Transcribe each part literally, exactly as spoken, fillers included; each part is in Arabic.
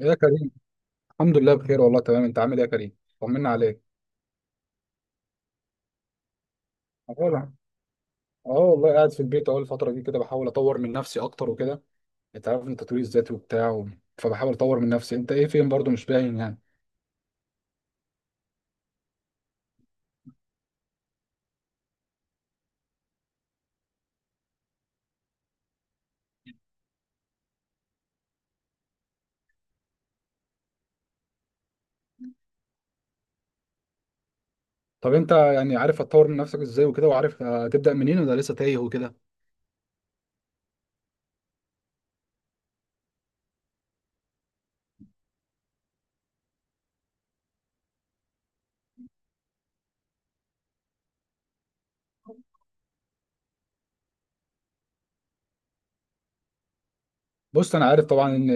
يا كريم، الحمد لله بخير والله. تمام، انت عامل ايه يا كريم؟ طمنا عليك. أقول، اه والله قاعد في البيت اهو. الفتره دي كده بحاول اطور من نفسي اكتر وكده. انت عارف ان التطوير الذاتي وبتاع و... فبحاول اطور من نفسي. انت ايه؟ فين؟ برضو مش باين يعني. طب انت يعني عارف هتطور من نفسك ازاي وكده؟ وعارف هتبدا منين ولا لسه تايه وكده؟ بص، انا عارف طبعا ان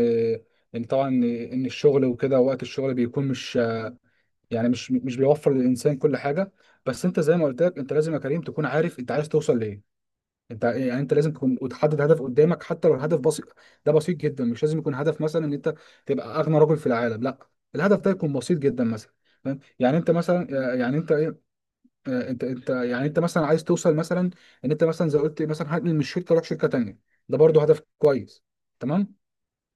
ان طبعا ان الشغل وكده، وقت الشغل بيكون مش، يعني مش مش بيوفر للانسان كل حاجه. بس انت زي ما قلت لك، انت لازم يا كريم تكون عارف انت عايز توصل لايه. انت يعني انت لازم تكون وتحدد هدف قدامك، حتى لو الهدف بسيط. ده بسيط جدا، مش لازم يكون هدف مثلا ان انت تبقى اغنى رجل في العالم، لا. الهدف ده يكون بسيط جدا مثلا. فاهم يعني؟ انت مثلا يعني انت ايه، آه، انت انت يعني انت مثلا عايز توصل مثلا ان انت مثلا زي قلت إيه، مثلا هنقل من الشركه اروح شركه تانيه. ده برضو هدف كويس، تمام.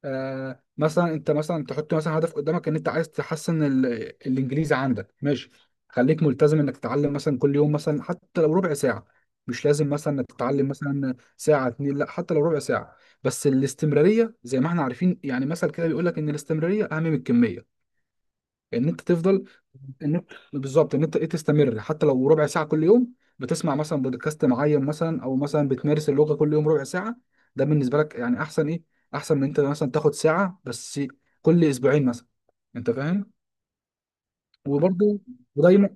آه، مثلا انت مثلا تحط مثلا هدف قدامك ان انت عايز تحسن ال- الانجليزي عندك، ماشي؟ خليك ملتزم انك تتعلم مثلا كل يوم، مثلا حتى لو ربع ساعة. مش لازم مثلا انك تتعلم مثلا ساعة اتنين، لا، حتى لو ربع ساعة. بس الاستمرارية، زي ما احنا عارفين يعني، مثل كده بيقول لك ان الاستمرارية اهم من الكمية. ان انت تفضل، ان انت بالظبط ان انت ايه، تستمر حتى لو ربع ساعه كل يوم. بتسمع مثلا بودكاست معين، مثلا او مثلا بتمارس اللغه كل يوم ربع ساعه. ده بالنسبه لك يعني احسن، ايه احسن من انت مثلا تاخد ساعه بس كل اسبوعين مثلا. انت فاهم؟ وبرضه ودايما،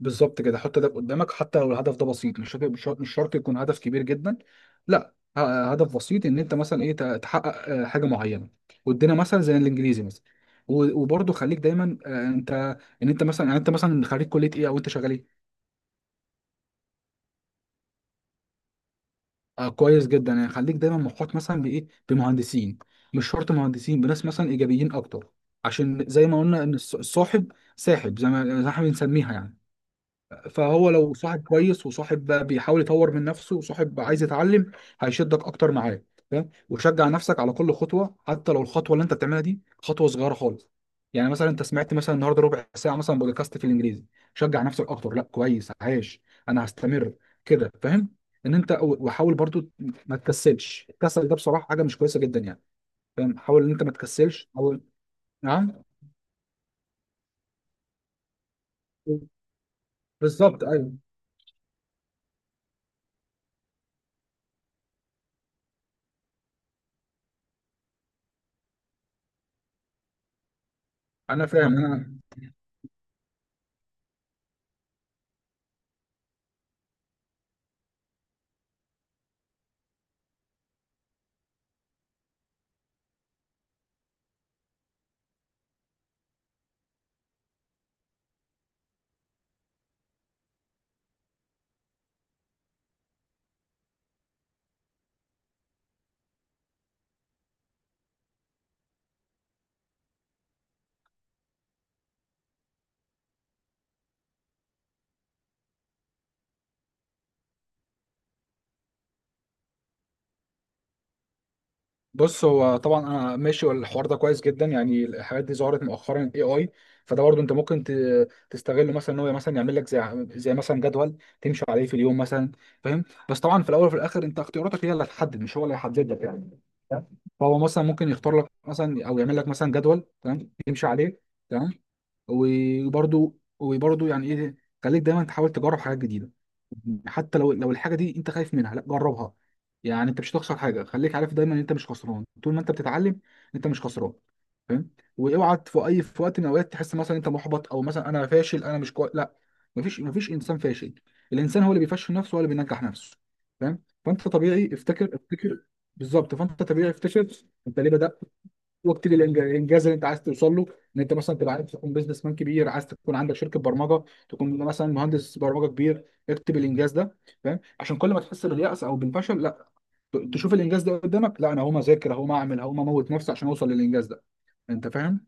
بالظبط كده، حط هدف قدامك حتى لو الهدف ده بسيط. مش شرط مش شرط مش شرط يكون هدف كبير جدا، لا. ه- هدف بسيط ان انت مثلا ايه، ت- تحقق آه، حاجه معينه، وادينا مثلا زي الانجليزي مثلا. و- وبرضه خليك دايما آه، انت، ان انت مثلا يعني انت مثلا خريج كليه ايه، او انت شغال ايه؟ آه كويس جدا. يعني خليك دايما محاط مثلا بايه، بمهندسين. مش شرط مهندسين، بناس مثلا ايجابيين اكتر. عشان زي ما قلنا، ان الص- الصاحب ساحب، زي ما زي ما احنا بنسميها يعني. فهو لو صاحب كويس، وصاحب بيحاول يطور من نفسه، وصاحب عايز يتعلم، هيشدك اكتر معاه. فاهم؟ وشجع نفسك على كل خطوه، حتى لو الخطوه اللي انت بتعملها دي خطوه صغيره خالص. يعني مثلا انت سمعت مثلا النهارده ربع ساعه مثلا بودكاست في الانجليزي، شجع نفسك اكتر، لا كويس، عايش، انا هستمر كده. فاهم؟ ان انت وحاول برضو ما تكسلش. الكسل ده بصراحه حاجه مش كويسه جدا يعني. فاهم؟ حاول ان انت ما تكسلش، حاول. نعم. بالظبط ايوه. انا فاهم انا. بص، هو طبعا انا ماشي الحوار ده كويس جدا يعني. الحاجات دي ظهرت مؤخرا، الاي اي. فده برضه انت ممكن ت- تستغله مثلا، ان هو مثلا يعمل لك زي ع- زي مثلا جدول تمشي عليه في اليوم مثلا. فاهم؟ بس طبعا في الاول وفي الاخر انت اختياراتك هي اللي هتحدد، مش هو اللي هيحدد لك يعني. فهو مثلا ممكن يختار لك مثلا، او يعمل لك مثلا جدول تمام تمشي عليه، تمام. وبرضو وبرضو يعني ايه، خليك دايما تحاول تجرب حاجات جديده. حتى لو لو الحاجه دي انت خايف منها، لا جربها. يعني انت مش هتخسر حاجه، خليك عارف دايما ان انت مش خسران طول ما انت بتتعلم، انت مش خسران. فاهم؟ واوعى في اي، في وقت من الاوقات تحس مثلا انت محبط، او مثلا انا فاشل، انا مش كويس، لا. مفيش مفيش انسان فاشل. الانسان هو اللي بيفشل نفسه ولا بينجح نفسه. فاهم؟ فانت طبيعي، افتكر افتكر. بالظبط، فانت طبيعي، افتكر. انت ليه بدات، واكتب الإنج- الانجاز اللي انت عايز توصل له. ان انت مثلا تبقى عايز تكون بيزنس مان كبير، عايز تكون عندك شركه برمجه، تكون مثلا مهندس برمجه كبير، اكتب الانجاز ده. فاهم؟ عشان كل ما تحس باليأس او بالفشل، لا، ت- تشوف الانجاز ده قدامك، لا انا هقوم اذاكر، هقوم اعمل، هقوم اموت نفسي عشان اوصل للانجاز ده. انت فاهم؟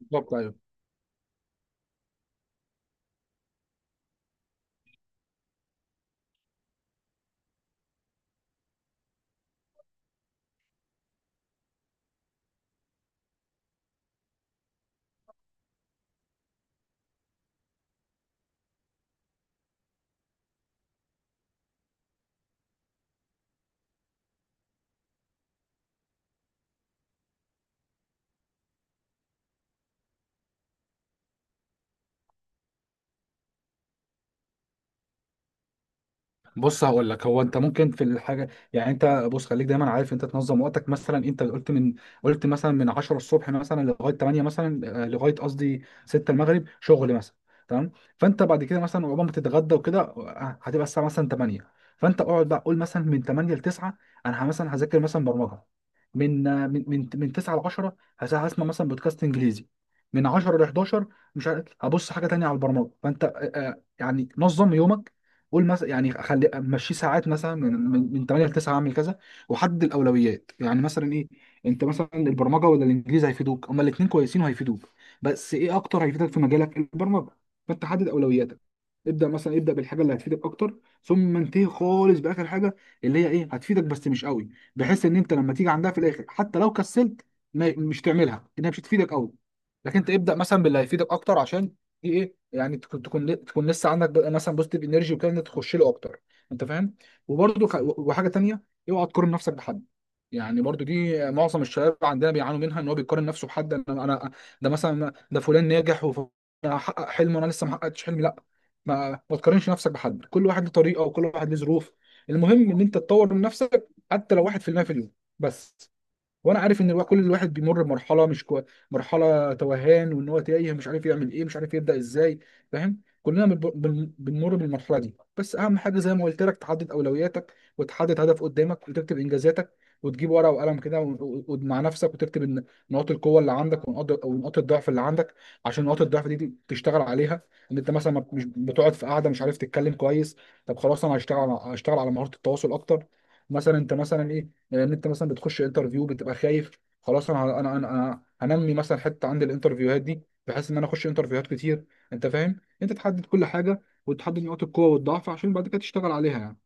بالظبط أيوة. بص هقول لك، هو انت ممكن في الحاجه يعني انت، بص خليك دايما عارف انت تنظم وقتك. مثلا انت قلت من، قلت مثلا من عشرة الصبح مثلا لغايه تمانية مثلا، آه، لغايه قصدي ستة المغرب شغل مثلا، تمام؟ فانت بعد كده مثلا عقبال ما تتغدى وكده، آه، هتبقى الساعه مثلا تمانية. فانت اقعد بقى قول مثلا من تمانية ل تسعة انا مثلا هذاكر مثلا برمجه. من آه، من من من تسعة ل عشرة هس- هسمع مثلا بودكاست انجليزي. من عشرة ل احد عشر مش عارف هبص حاجه تانيه على البرمجه. فانت آه، آه، يعني نظم يومك، قول مثلا يعني خلي مشي ساعات مثلا من من من ثمانية ل تسعة اعمل كذا. وحدد الاولويات، يعني مثلا ايه، انت مثلا البرمجه ولا الانجليزي هيفيدوك؟ هما الاثنين كويسين وهيفيدوك، بس ايه اكتر هيفيدك في مجالك؟ البرمجه. فانت حدد اولوياتك، ابدا مثلا، ابدا بالحاجه اللي هتفيدك اكتر، ثم انتهي خالص باخر حاجه اللي هي ايه، هتفيدك بس مش قوي. بحيث ان انت لما تيجي عندها في الاخر، حتى لو كسلت ما، مش تعملها، انها مش هتفيدك قوي. لكن انت ابدا مثلا باللي هيفيدك اكتر، عشان ايه، يعني تكون تكون تكون لسه عندك بقى مثلا بوزيتيف انرجي وكده، إن انت تخش له اكتر. انت فاهم؟ وبرده وحاجه تانيه، اوعى تقارن نفسك بحد. يعني برضو دي معظم الشباب عندنا بيعانوا منها، ان هو بيقارن نفسه بحد، انا انا، ده مثلا ده فلان ناجح وحقق حلم وانا لسه ما حققتش حلمي، لا. ما ما تقارنش نفسك بحد. كل واحد له طريقه، وكل واحد له ظروف. المهم ان انت تطور من نفسك حتى لو واحد في المية في المية في اليوم، بس. وانا عارف ان الواحد، كل الواحد بيمر بمرحله مش كوي... مرحله توهان، وان هو تايه، مش عارف يعمل ايه، مش عارف يبدا ازاي. فاهم؟ كلنا بنب- بن- بنمر بالمرحله دي. بس اهم حاجه زي ما قلت لك، تحدد اولوياتك، وتحدد هدف قدامك، وتكتب انجازاتك، وتجيب ورقه وقلم كده و- و- و- مع نفسك وتكتب إن- نقاط القوه اللي عندك، ونقاط ونقاط الضعف اللي عندك، عشان نقاط الضعف دي دي تشتغل عليها. ان انت مثلا ما- مش بتقعد في قاعده، مش عارف تتكلم كويس، طب خلاص انا هشتغل، هشتغل على مهاره التواصل اكتر. مثلا انت مثلا إيه، لان انت مثلا بتخش انترفيو بتبقى خايف، خلاص انا انا انا, أنا هنمي مثلا حته عند الانترفيوهات دي، بحيث ان انا اخش انترفيوهات كتير. انت فاهم؟ انت تحدد كل حاجه، وتحدد نقاط القوه والضعف عشان بعد كده تشتغل عليها يعني.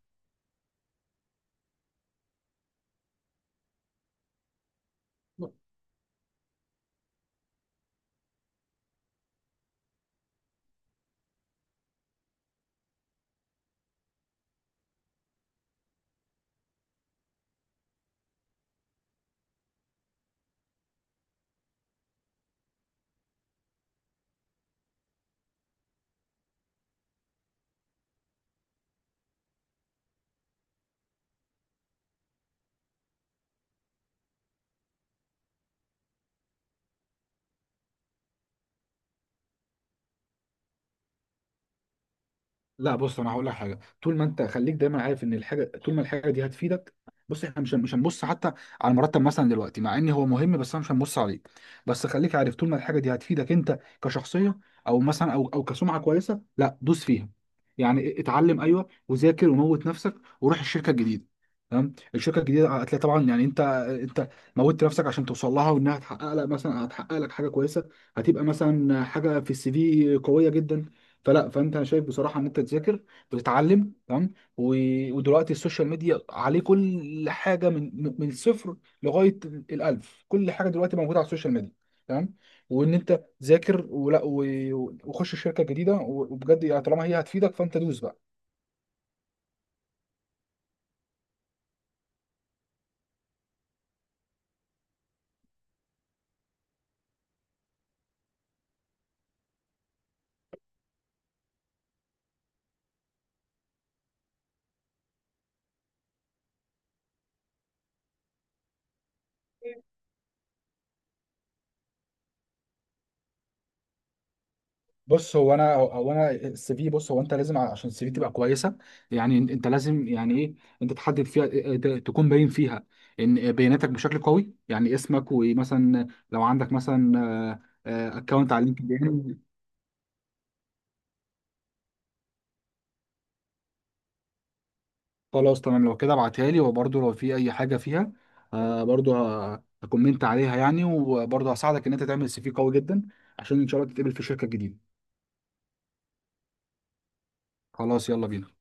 لا بص، انا هقول لك حاجه. طول ما انت، خليك دايما عارف ان الحاجه، طول ما الحاجه دي هتفيدك، بص احنا مش مش هنبص حتى على المرتب مثلا دلوقتي، مع ان هو مهم، بس انا مش هنبص عليه. بس خليك عارف، طول ما الحاجه دي هتفيدك انت كشخصيه، او مثلا او او كسمعه كويسه، لا دوس فيها. يعني اتعلم ايوه، وذاكر وموت نفسك وروح الشركه الجديده. تمام؟ الشركه الجديده هتلاقي طبعا يعني انت، انت موتت نفسك عشان توصل لها، وانها تحقق لك مثلا، هتحقق لك حاجه كويسه. هتبقى مثلا حاجه في السي في قويه جدا. فلا، فانت انا شايف بصراحه ان انت تذاكر وتتعلم، تمام؟ و- ودلوقتي السوشيال ميديا عليه كل حاجه، من من من الصفر لغايه الالف. كل حاجه دلوقتي موجوده على السوشيال ميديا، تمام. وان انت ذاكر ولا، و- وخش شركه جديده، و- وبجد يعني طالما هي هتفيدك فانت دوس بقى. بص، هو انا هو انا السي في، بص هو انت لازم عشان السي في تبقى كويسه يعني، انت أنت لازم يعني ايه، انت تحدد فيها آه، آه، ت- تكون باين فيها ان آه، بياناتك بشكل قوي، يعني اسمك ومثلا لو عندك مثلا اكونت على لينكد ان. خلاص تمام، لو كده ابعتها لي. وبرده لو في اي حاجه فيها، برده هكومنت عليها يعني، وبرده هساعدك ان انت تعمل سي في قوي جدا عشان ان شاء الله تتقبل في شركه جديده. خلاص يلا بينا.